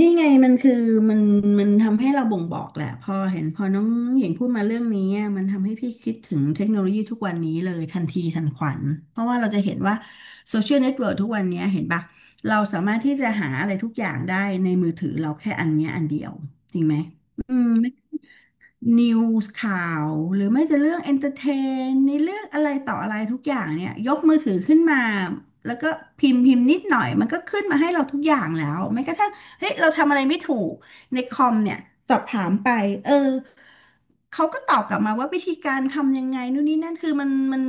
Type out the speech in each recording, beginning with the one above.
นี่ไงมันคือมันมันทำให้เราบ่งบอกแหละพอเห็นพอน้องหญิงพูดมาเรื่องนี้อะมันทำให้พี่คิดถึงเทคโนโลยีทุกวันนี้เลยทันทีทันขวัญเพราะว่าเราจะเห็นว่าโซเชียลเน็ตเวิร์กทุกวันนี้เห็นปะเราสามารถที่จะหาอะไรทุกอย่างได้ในมือถือเราแค่อันเนี้ยอันเดียวจริงไหมอืม นิวส์ข่าวหรือไม่จะเรื่องเอนเตอร์เทนในเรื่องอะไรต่ออะไรทุกอย่างเนี่ยยกมือถือขึ้นมาแล้วก็พิมพ์นิดหน่อยมันก็ขึ้นมาให้เราทุกอย่างแล้วแม้กระทั่งเฮ้ยเราทำอะไรไม่ถูกในคอมเนี่ยสอบถามไปเออเขาก็ตอบกลับมาว่าวิธีการทำยังไงนู่นนี่นั่นคือมัน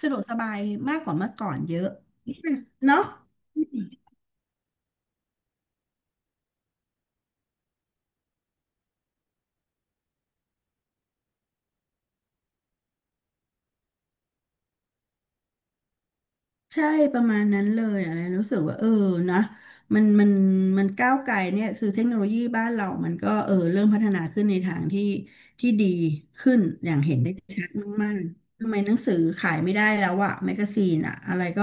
สะดวกสบายมากกว่าเมื่อก่อนเยอะเนาะ ใช่ประมาณนั้นเลยอะไรรู้สึกว่าเออนะมันมันมันก้าวไกลเนี่ยคือเทคโนโลยีบ้านเรามันก็เออเริ่มพัฒนาขึ้นในทางที่ที่ดีขึ้นอย่างเห็นได้ชัดมากๆ ทำไมหนังสือขายไม่ได้แล้วอะแมกกาซีนอะอะไรก็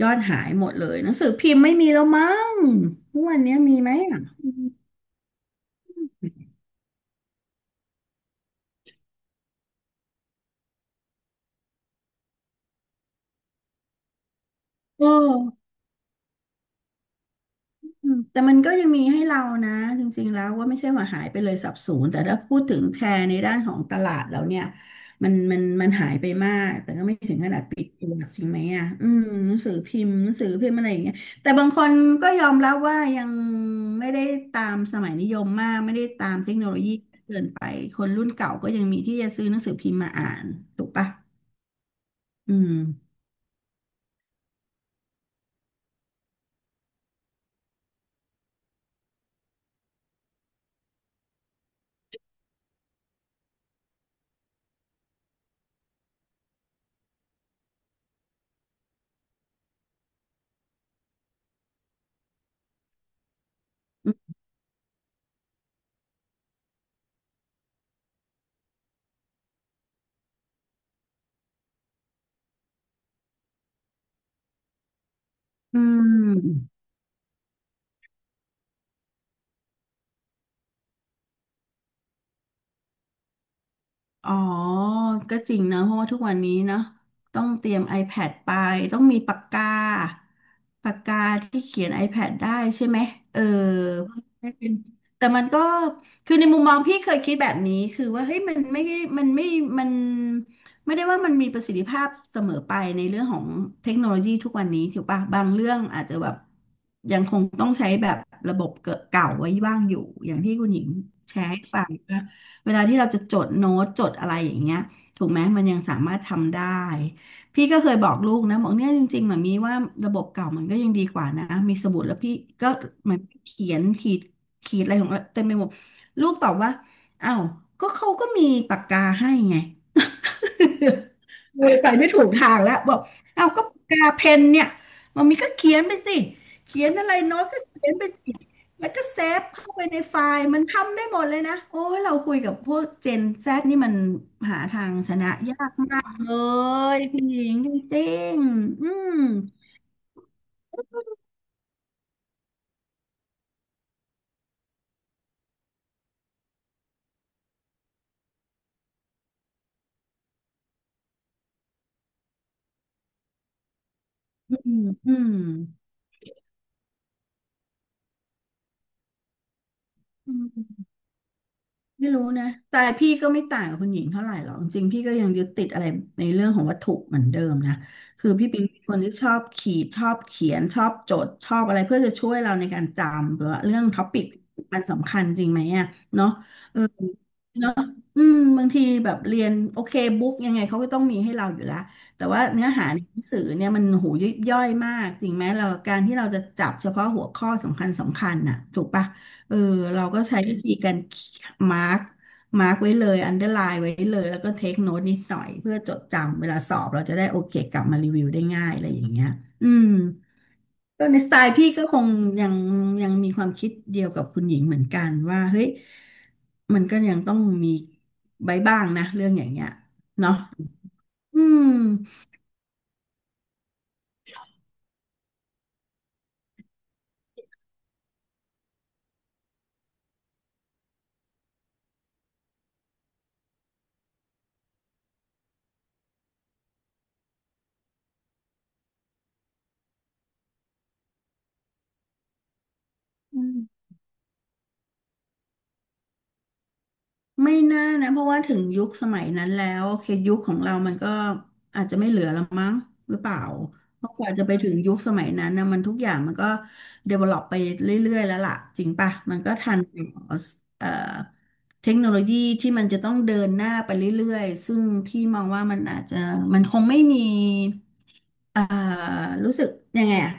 ยอดหายหมดเลยหนังสือพิมพ์ไม่มีแล้วมั้งทุกวันเนี้ยมีไหมอะเออ อืมแต่มันก็ยังมีให้เรานะจริงๆแล้วว่าไม่ใช่ว่าหายไปเลยสับสูญแต่ถ้าพูดถึงแชร์ในด้านของตลาดแล้วเนี่ยมันหายไปมากแต่ก็ไม่ถึงขนาดปิดตัวจริงไหมอ่ะอืมหนังสือพิมพ์อะไรอย่างเงี้ยแต่บางคนก็ยอมรับว่ายังไม่ได้ตามสมัยนิยมมากไม่ได้ตามเทคโนโลยีเกินไปคนรุ่นเก่าก็ยังมีที่จะซื้อหนังสือพิมพ์มาอ่านถูกปะอืมอืม อ๋อ ก็จริงนะเพราะว่าทุกวันนี้เนอะต้องเตรียม iPad ไปต้องมีปากกาที่เขียน iPad ได้ใช่ไหมเออไม่เป็นแต่มันก็คือในมุมมองพี่เคยคิดแบบนี้คือว่าเฮ้ยมันไม่มันไม่ได้ว่ามันมีประสิทธิภาพเสมอไปในเรื่องของเทคโนโลยีทุกวันนี้ถูกปะบางเรื่องอาจจะแบบยังคงต้องใช้แบบระบบเก่าไว้บ้างอยู่อย่างที่คุณหญิงแชร์ให้ฟัง เวลาที่เราจะจดโน้ตจดอะไรอย่างเงี้ยถูกไหมมันยังสามารถทำได้พี่ก็เคยบอกลูกนะบอกเนี่ยจริงๆหมนมีว่าระบบเก่ามันก็ยังดีกว่านะมีสมุดแล้วพี่ก็เหมือนเขียนขีดอะไรของเราเต็มไปหมดลูกตอบว่าอ้าวก็เขาก็มีปากกาให้ไง เลยไปไม่ถูกทางแล้วบอกเอาก็ปากกาเพนเนี่ยมันมีก็เขียนไปสิเขียนอะไรโน้ตก็เขียนไปสิแล้วก็เซฟเข้าไปในไฟล์มันทำได้หมดเลยนะโอ้ยเราคุยกับพวกเจนแซดนี่มันหาทางชนะยากมากเลยพี่หญิงจริงๆอือืม ไม่รู้นะแต่พี่ก็ไม่ต่างกับคุณหญิงเท่าไหร่หรอกจริงๆพี่ก็ยังยึดติดอะไรในเรื่องของวัตถุเหมือนเดิมนะ คือพี่ปิงเป็นคนที่ชอบขีดชอบเขียนชอบจดชอบอะไรเพื่อจะช่วยเราในการจำหรือว่าเรื่องท็อปิกมันสำคัญจริงไหมอ่ะเนาะเออเนาะอืมบางทีแบบเรียนโอเคบุ๊กยังไงเขาก็ต้องมีให้เราอยู่แล้ว แต่ว่าเนื้อหาในหนังสือเนี่ยมันหูยิบย่อยมากจริงไหมเราการที่เราจะจับเฉพาะหัวข้อสำคัญน่ะถูกปะ เออเราก็ใช้วิธีการมาร์กมาร์กไว้เลยอันเดอร์ไลน์ไว้เลยแล้วก็เทคโน้ตนิดหน่อยเพื่อจดจำเวลาสอบเราจะได้โอเคกลับมารีวิวได้ง่ายอะไรอย่างเงี้ยอืมก็ในสไตล์พี่ก็คงยังยังมีความคิดเดียวกับคุณหญิงเหมือนกันว่าเฮ้ยมันก็ยังต้องมีใบบ้างนะเรื่องอย่างเงี้ยเนาะอืม ไม่น่านะเพราะว่าถึงยุคสมัยนั้นแล้วโอเคยุคของเรามันก็อาจจะไม่เหลือละมั้งหรือเปล่าเพราะกว่าจะไปถึงยุคสมัยนั้นนะมันทุกอย่างมันก็ develop ไปเรื่อยๆแล้วล่ะจริงปะมันก็ทันกับเอ่อเทคโนโลยีที่มันจะต้องเดินหน้าไปเรื่อยๆซึ่งพี่มองว่ามันอาจจะมันคงไม่มี อ่ารู้สึกยังไงอะ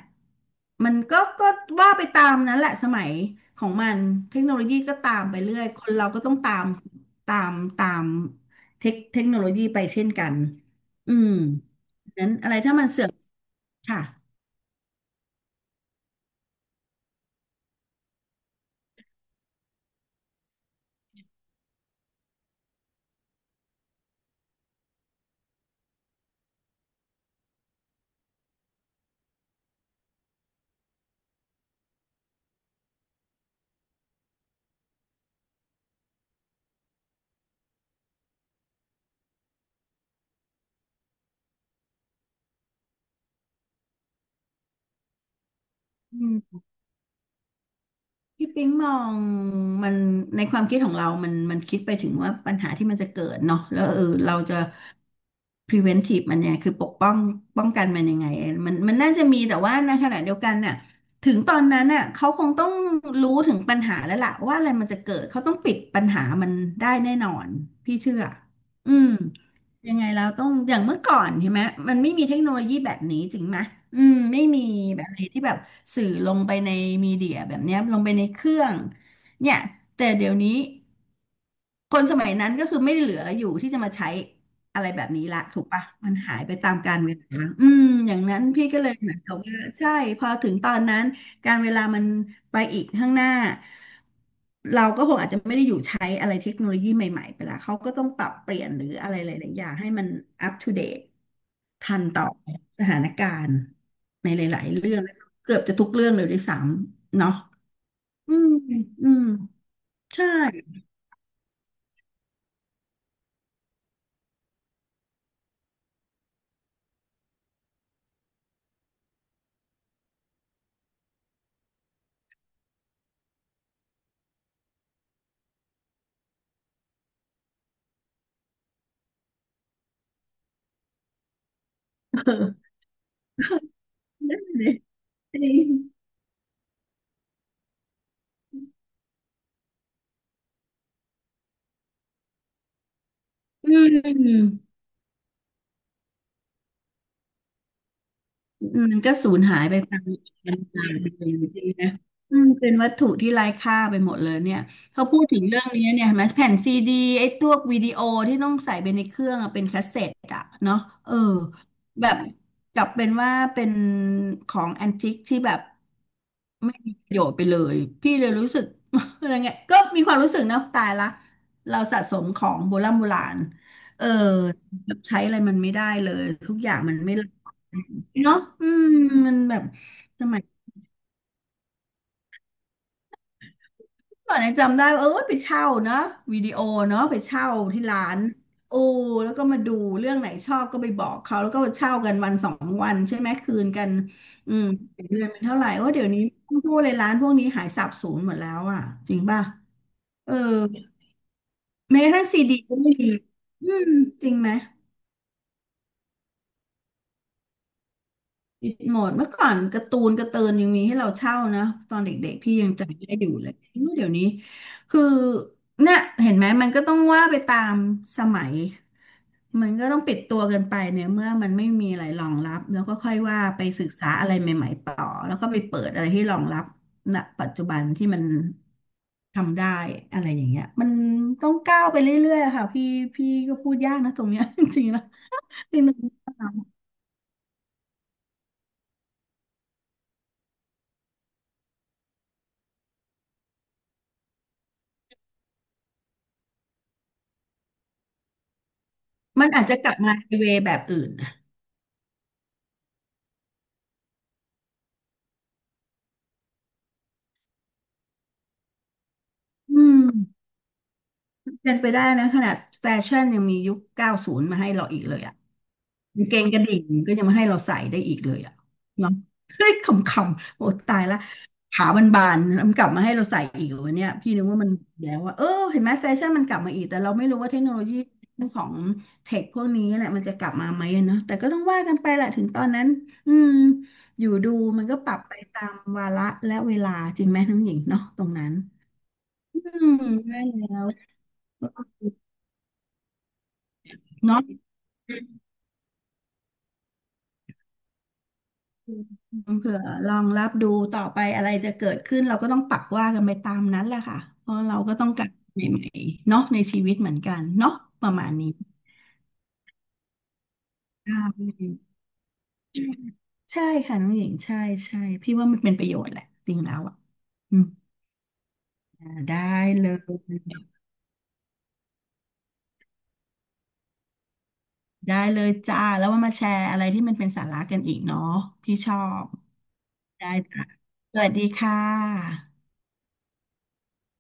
มันก็ก็ว่าไปตามนั้นแหละสมัยของมันเทคโนโลยีก็ตามไปเรื่อย คนเราก็ต้องตามตามตามเทคโนโลยีไปเช่นกันอืมนั้นอะไรถ้ามันเสื่อมค่ะอืม พี่ปิ๊งมองมันในความคิดของเรามันคิดไปถึงว่าปัญหาที่มันจะเกิดเนาะแล้วเออเราจะ preventive มันเนี่ยคือปกป้องป้องกันมันยังไงมันน่าจะมีแต่ว่าในขณะเดียวกันน่ะถึงตอนนั้นน่ะเขาคงต้องรู้ถึงปัญหาแล้วล่ะว่าอะไรมันจะเกิดเขาต้องปิดปัญหามันได้แน่นอนพี่เชื่ออืมยังไงเราต้องอย่างเมื่อก่อนใช่ไหมมันไม่มีเทคโนโลยีแบบนี้จริงไหมอืมไม่มีแบบไหนที่แบบ สื่อลงไปในมีเดียแบบเนี้ยลงไปในเครื่องเนี่ยแต่เดี๋ยวนี้ คนสมัยนั้นก็คือไม่ได้เหลืออยู่ที่จะมาใช้อะไรแบบนี้ละถูกปะมันหายไปตามกาลเวลาอืมอย่างนั้นพี่ก็เลยเหมือนกับว่าใช่พอถึงตอนนั้นการเวลามันไปอีกข้างหน้าเราก็คงอาจจะไม่ได้อยู่ใช้อะไรเทคโนโลยีใหม่ๆไปละเขาก็ต้องปรับเปลี่ยนหรืออะไรหลายๆอย่างให้มันอัปทูเดตทันต่อสถานการณ์ในหลายๆเรื่องเกือบจะทุกเรื่องเลยด้วยซ้ำเนาะอืมอืมใช่ เออนั่นเลยจริง อืม มันก็สูญหายไปตามการตายไปเลยใช่ไหมอืมเป็นวัตถุที่ไร้ค่าไปหมดเลยเนี่ยเขาพูดถึงเรื่องนี้เนี่ยเห็นไหมแผ่นซีดีไอ้ตัววิดีโอที่ต้องใส่ไปในเครื่องอะเป็นคาสเซ็ตอะเนาะเออแบบกลับเป็นว่าเป็นของแอนติกที่แบบไม่มีประโยชน์ไปเลยพี่เลยรู้สึก อะไรเงี้ยก็มีความรู้สึกนะตายละเราสะสมของโบราณโบราณเออแบบใช้อะไรมันไม่ได้เลยทุกอย่างมันไม่รัก เนาะอืมมันแบบสมัยก่อนเนี่ยจำได้ว่าเออไปเช่าเนาะวิดีโอเนาะไปเช่าที่ร้านโอ้แล้วก็มาดูเรื่องไหนชอบก็ไปบอกเขาแล้วก็เช่ากันวันสองวันใช่ไหมคืนกันอืมเดือนเป็นเท่าไหร่ว่าเดี๋ยวนี้ต้องพูดเลยร้านพวกนี้หายสาบสูญหมดแล้วอ่ะจริงป่ะเออแม้กระทั่งซีดีก็ไม่มีอืมจริงไหม ปิดหมดเมื่อก่อนการ์ตูนยังมีให้เราเช่านะตอนเด็กๆพี่ยังจำได้อยู่เลยเมื่อเดี๋ยวนี้คือเนี่ยเห็นไหมมันก็ต้องว่าไปตามสมัยมันก็ต้องปิดตัวกันไปเนี่ยเมื่อมันไม่มีอะไรรองรับแล้วก็ค่อยว่าไปศึกษาอะไรใหม่ๆต่อแล้วก็ไปเปิดอะไรที่รองรับณปัจจุบันที่มันทำได้อะไรอย่างเงี้ยมันต้องก้าวไปเรื่อยๆอะค่ะพี่ก็พูดยากนะตรงเนี้ย จริงๆแล้วมันอาจจะกลับมาในเวแบบอื่นนะอืม เป็นไปได้นะขนาดแฟชั่นยังมียุค 90มาให้เราอีกเลยอ่ะกางเกงกระดิ่งก็ยังมาให้เราใส่ได้อีกเลยอ่ะเนาะ เฮ้ยขำๆ โอ้ตายละขาบานๆมันกลับมาให้เราใส่อีกเหรอวันเนี้ยพี่นึกว่ามันแล้วว่า เออเห็นไหมแฟชั่นมันกลับมาอีกแต่เราไม่รู้ว่าเทคโนโลยีของเทคพวกนี้แหละมันจะกลับมาไหมอะเนาะแต่ก็ต้องว่ากันไปแหละถึงตอนนั้นอืมอยู่ดูมันก็ปรับไปตามวาระและเวลาจริงไหมน้องหญิงเนาะตรงนั้นอืมได้แล้วเนาะ เผื่อลองรับดูต่อไปอะไรจะเกิดขึ้นเราก็ต้องปักว่ากันไปตามนั้นแหละค่ะเพราะเราก็ต้องการใหม่ๆเนาะในชีวิตเหมือนกันเนาะประมาณนี้ใช่ใช่ค่ะน้องหญิงใช่ใช่พี่ว่ามันเป็นประโยชน์แหละจริงแล้วอ่ะอืมได้เลยได้เลยจ้าแล้วว่ามาแชร์อะไรที่มันเป็นสาระกันอีกเนาะพี่ชอบได้จ้ะสวัสดีค่ะ